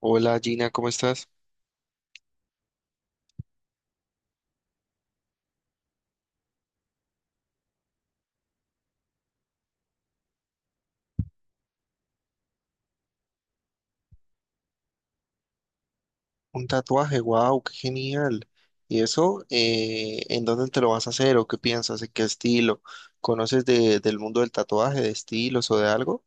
Hola Gina, ¿cómo estás? Un tatuaje, wow, qué genial. ¿Y eso, en dónde te lo vas a hacer o qué piensas, en qué estilo? ¿Conoces del mundo del tatuaje, de estilos o de algo?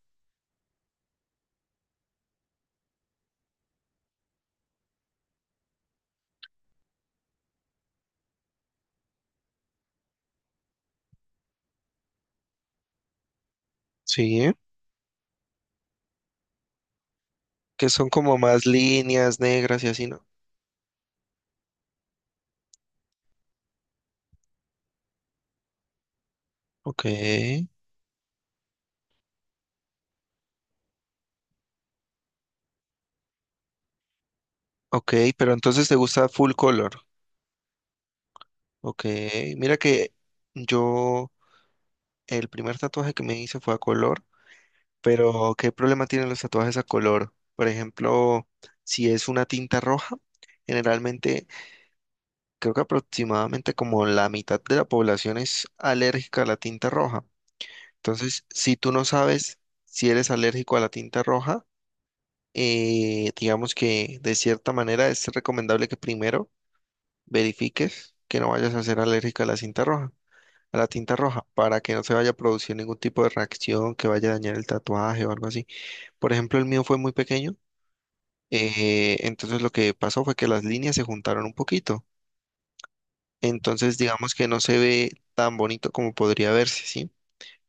Sí, que son como más líneas negras y así, ¿no? Ok, ok, pero entonces te gusta full color. Ok, mira que yo, el primer tatuaje que me hice fue a color, pero ¿qué problema tienen los tatuajes a color? Por ejemplo, si es una tinta roja, generalmente creo que aproximadamente como la mitad de la población es alérgica a la tinta roja. Entonces, si tú no sabes si eres alérgico a la tinta roja, digamos que de cierta manera es recomendable que primero verifiques que no vayas a ser alérgica a la cinta roja, a la tinta roja, para que no se vaya a producir ningún tipo de reacción que vaya a dañar el tatuaje o algo así. Por ejemplo, el mío fue muy pequeño, entonces lo que pasó fue que las líneas se juntaron un poquito. Entonces, digamos que no se ve tan bonito como podría verse, ¿sí?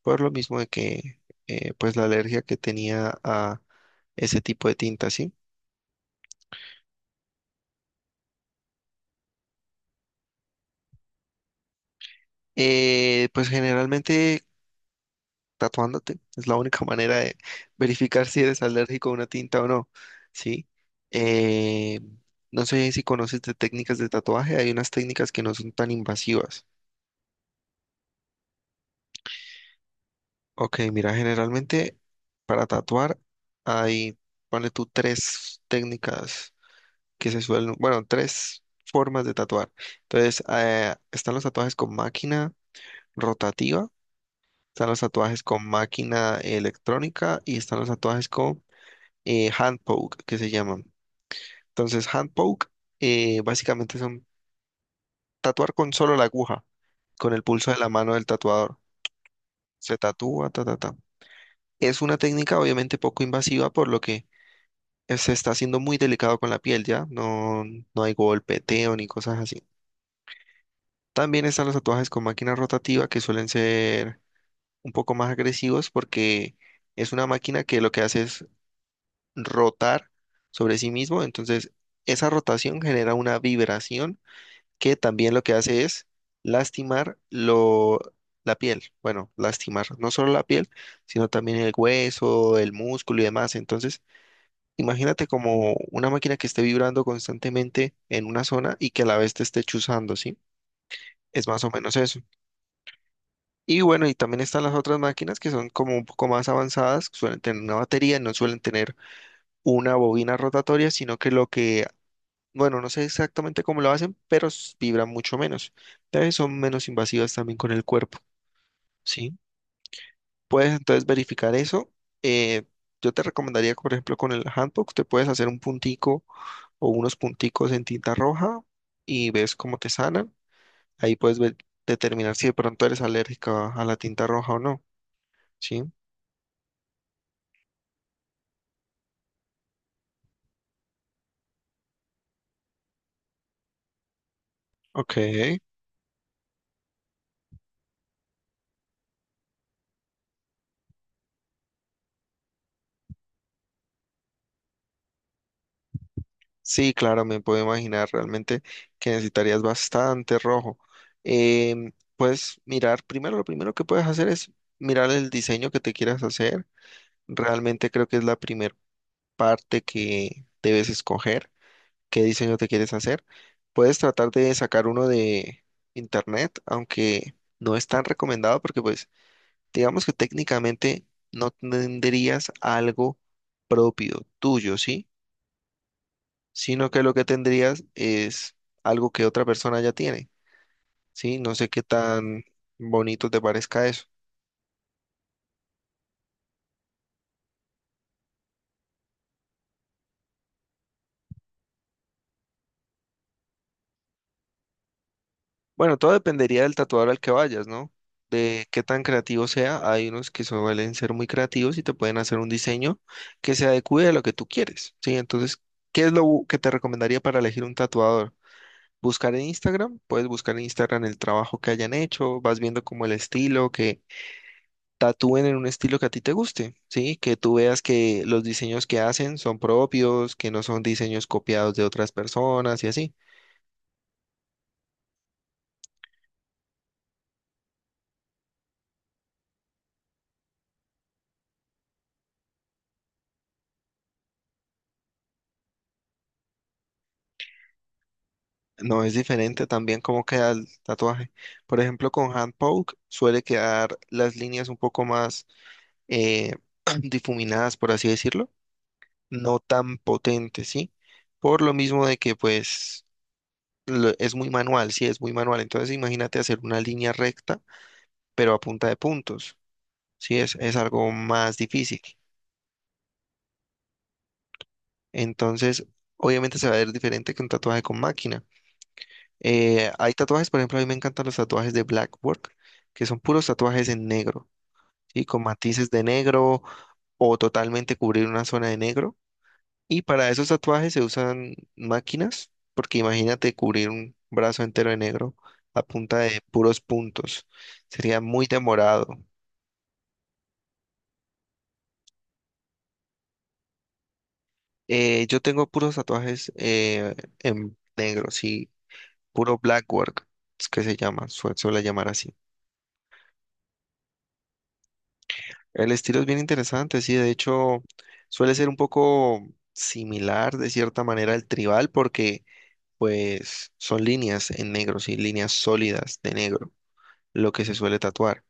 Por lo mismo de pues, la alergia que tenía a ese tipo de tinta, ¿sí? Pues generalmente tatuándote es la única manera de verificar si eres alérgico a una tinta o no, ¿sí? Eh, no sé si conoces de técnicas de tatuaje, hay unas técnicas que no son tan invasivas. Ok, mira, generalmente para tatuar hay, ponle tú tres técnicas que se suelen, bueno, tres formas de tatuar. Entonces, están los tatuajes con máquina rotativa, están los tatuajes con máquina electrónica y están los tatuajes con hand poke, que se llaman. Entonces, hand poke básicamente son tatuar con solo la aguja, con el pulso de la mano del tatuador. Se tatúa, ta, ta, ta. Es una técnica obviamente poco invasiva, por lo que se está haciendo muy delicado con la piel, ¿ya? No, no hay golpeteo ni cosas así. También están los tatuajes con máquina rotativa que suelen ser un poco más agresivos porque es una máquina que lo que hace es rotar sobre sí mismo. Entonces, esa rotación genera una vibración que también lo que hace es lastimar lo, la piel. Bueno, lastimar no solo la piel, sino también el hueso, el músculo y demás. Entonces, imagínate como una máquina que esté vibrando constantemente en una zona y que a la vez te esté chuzando, ¿sí? Es más o menos eso. Y bueno, y también están las otras máquinas que son como un poco más avanzadas, que suelen tener una batería, no suelen tener una bobina rotatoria, sino que lo bueno, no sé exactamente cómo lo hacen, pero vibran mucho menos. Entonces son menos invasivas también con el cuerpo, ¿sí? Puedes entonces verificar eso. Eh, yo te recomendaría, por ejemplo, con el handbook, te puedes hacer un puntico o unos punticos en tinta roja y ves cómo te sanan. Ahí puedes ver- determinar si de pronto eres alérgica a la tinta roja o no, ¿sí? Ok. Sí, claro, me puedo imaginar realmente que necesitarías bastante rojo. Puedes mirar, primero lo primero que puedes hacer es mirar el diseño que te quieras hacer. Realmente creo que es la primera parte que debes escoger, qué diseño te quieres hacer. Puedes tratar de sacar uno de internet, aunque no es tan recomendado porque pues digamos que técnicamente no tendrías algo propio tuyo, ¿sí? Sino que lo que tendrías es algo que otra persona ya tiene, ¿sí? No sé qué tan bonito te parezca eso. Bueno, todo dependería del tatuador al que vayas, ¿no? De qué tan creativo sea. Hay unos que suelen ser muy creativos y te pueden hacer un diseño que se adecue a lo que tú quieres, ¿sí? Entonces, ¿qué es que te recomendaría para elegir un tatuador? Buscar en Instagram, puedes buscar en Instagram el trabajo que hayan hecho, vas viendo como el estilo que tatúen en un estilo que a ti te guste, ¿sí? Que tú veas que los diseños que hacen son propios, que no son diseños copiados de otras personas y así. No es diferente también cómo queda el tatuaje. Por ejemplo, con hand poke suele quedar las líneas un poco más eh, difuminadas, por así decirlo, no tan potentes, ¿sí? Por lo mismo de que pues es muy manual, sí, es muy manual. Entonces imagínate hacer una línea recta, pero a punta de puntos, sí, es algo más difícil. Entonces, obviamente se va a ver diferente que un tatuaje con máquina. Hay tatuajes, por ejemplo, a mí me encantan los tatuajes de Blackwork, que son puros tatuajes en negro, y con matices de negro o totalmente cubrir una zona de negro. Y para esos tatuajes se usan máquinas, porque imagínate cubrir un brazo entero de negro a punta de puros puntos. Sería muy demorado. Yo tengo puros tatuajes en negro, sí, puro Blackwork, es que se llama, suele llamar así. El estilo es bien interesante, sí, de hecho suele ser un poco similar de cierta manera al tribal porque pues son líneas en negro, sí, líneas sólidas de negro, lo que se suele tatuar.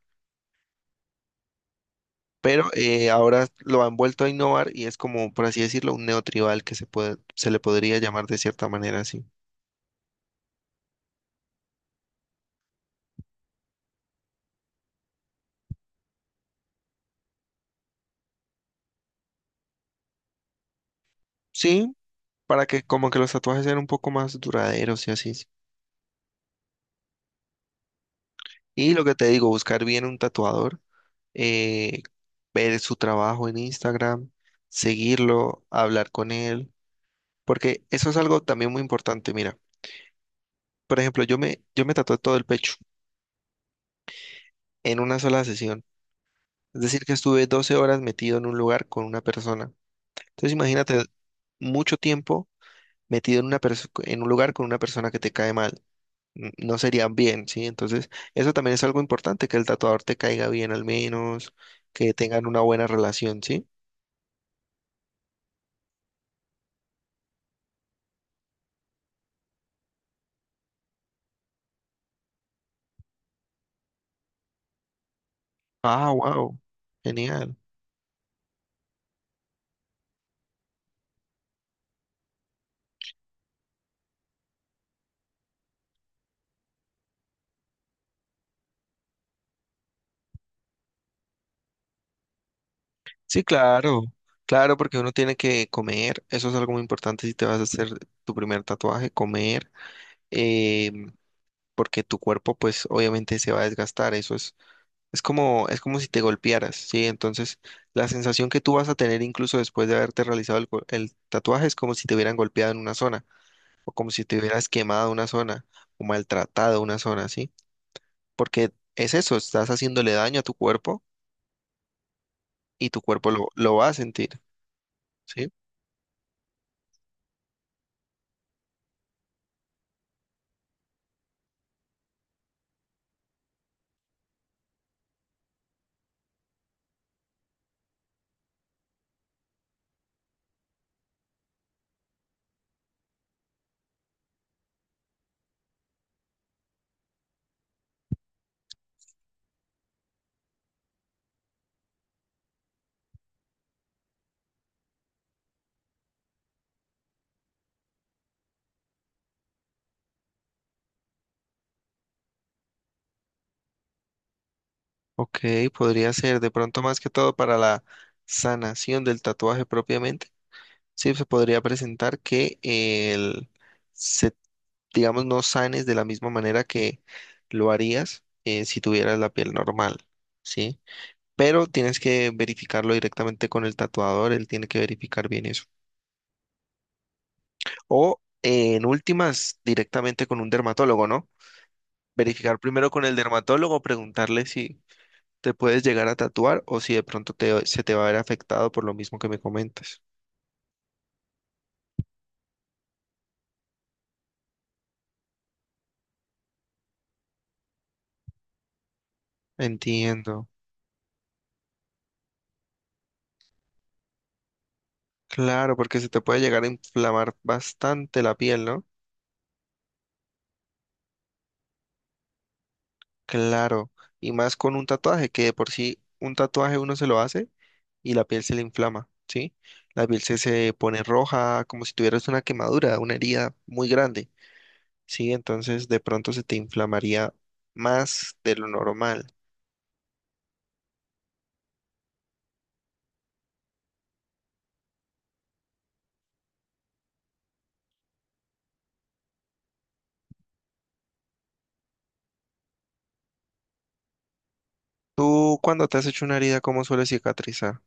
Pero ahora lo han vuelto a innovar y es como, por así decirlo, un neotribal que se puede, se le podría llamar de cierta manera así. Sí, para que como que los tatuajes sean un poco más duraderos y así. Y lo que te digo, buscar bien un tatuador, eh, ver su trabajo en Instagram, seguirlo, hablar con él, porque eso es algo también muy importante. Mira, por ejemplo, yo me tatué todo el pecho en una sola sesión. Es decir, que estuve 12 horas metido en un lugar con una persona. Entonces, imagínate mucho tiempo metido en una en un lugar con una persona que te cae mal. No serían bien, ¿sí? Entonces, eso también es algo importante, que el tatuador te caiga bien al menos, que tengan una buena relación, ¿sí? Ah, wow, genial. Sí, claro, claro, porque uno tiene que comer, eso es algo muy importante si te vas a hacer tu primer tatuaje, comer, eh, porque tu cuerpo pues obviamente se va a desgastar, eso es como si te golpearas, ¿sí? Entonces, la sensación que tú vas a tener incluso después de haberte realizado el tatuaje es como si te hubieran golpeado en una zona. O como si te hubieras quemado una zona o maltratado una zona, ¿sí? Porque es eso, estás haciéndole daño a tu cuerpo y tu cuerpo lo va a sentir, ¿sí? Ok, podría ser de pronto más que todo para la sanación del tatuaje propiamente, sí, se podría presentar que se, digamos, no sanes de la misma manera que lo harías si tuvieras la piel normal, ¿sí? Pero tienes que verificarlo directamente con el tatuador, él tiene que verificar bien eso. O en últimas, directamente con un dermatólogo, ¿no? Verificar primero con el dermatólogo, preguntarle si te puedes llegar a tatuar o si de pronto se te va a ver afectado por lo mismo que me comentas. Entiendo. Claro, porque se te puede llegar a inflamar bastante la piel, ¿no? Claro. Y más con un tatuaje, que de por sí un tatuaje uno se lo hace y la piel se le inflama, ¿sí? La piel se pone roja, como si tuvieras una quemadura, una herida muy grande. ¿Sí? Entonces de pronto se te inflamaría más de lo normal. Tú cuando te has hecho una herida, ¿cómo suele cicatrizar?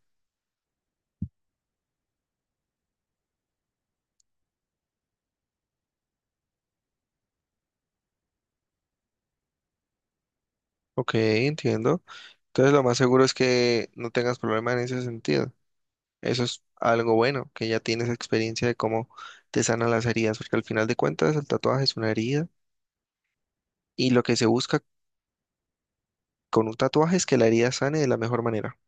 Ok, entiendo. Entonces lo más seguro es que no tengas problema en ese sentido. Eso es algo bueno, que ya tienes experiencia de cómo te sanan las heridas, porque al final de cuentas el tatuaje es una herida y lo que se busca con un tatuaje es que la herida sane de la mejor manera.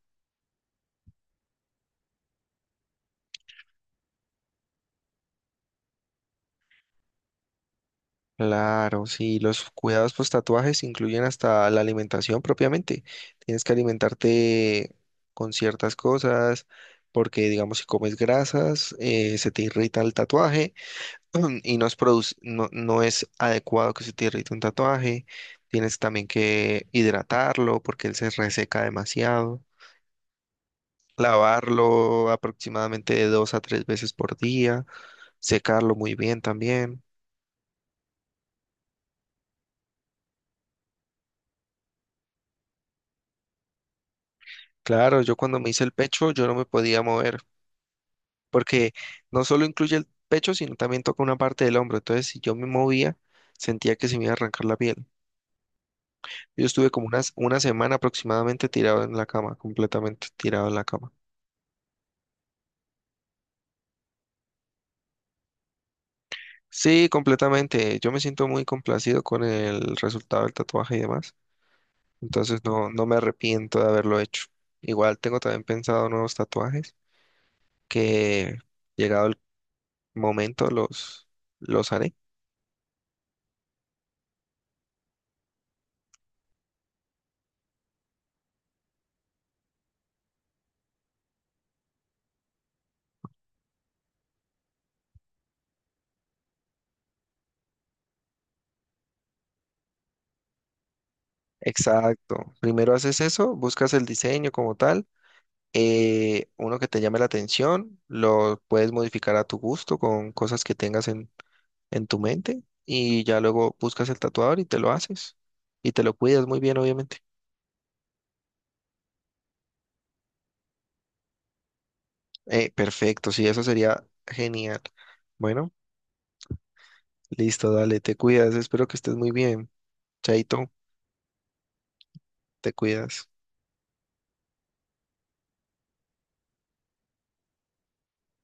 Claro, sí, los cuidados post tatuajes incluyen hasta la alimentación propiamente. Tienes que alimentarte con ciertas cosas, porque digamos si comes grasas, se te irrita el tatuaje y no no, no es adecuado que se te irrite un tatuaje. Tienes también que hidratarlo porque él se reseca demasiado. Lavarlo aproximadamente de 2 a 3 veces por día, secarlo muy bien también. Claro, yo cuando me hice el pecho, yo no me podía mover. Porque no solo incluye el pecho, sino también toca una parte del hombro. Entonces, si yo me movía, sentía que se me iba a arrancar la piel. Yo estuve como 1 semana aproximadamente tirado en la cama, completamente tirado en la cama. Sí, completamente. Yo me siento muy complacido con el resultado del tatuaje y demás. Entonces, no, no me arrepiento de haberlo hecho. Igual tengo también pensado nuevos tatuajes que llegado el momento los haré. Exacto. Primero haces eso, buscas el diseño como tal uno que te llame la atención, lo puedes modificar a tu gusto con cosas que tengas en tu mente y ya luego buscas el tatuador y te lo haces y te lo cuidas muy bien, obviamente. Perfecto, sí, eso sería genial. Bueno, listo, dale, te cuidas, espero que estés muy bien. Chaito, te cuidas.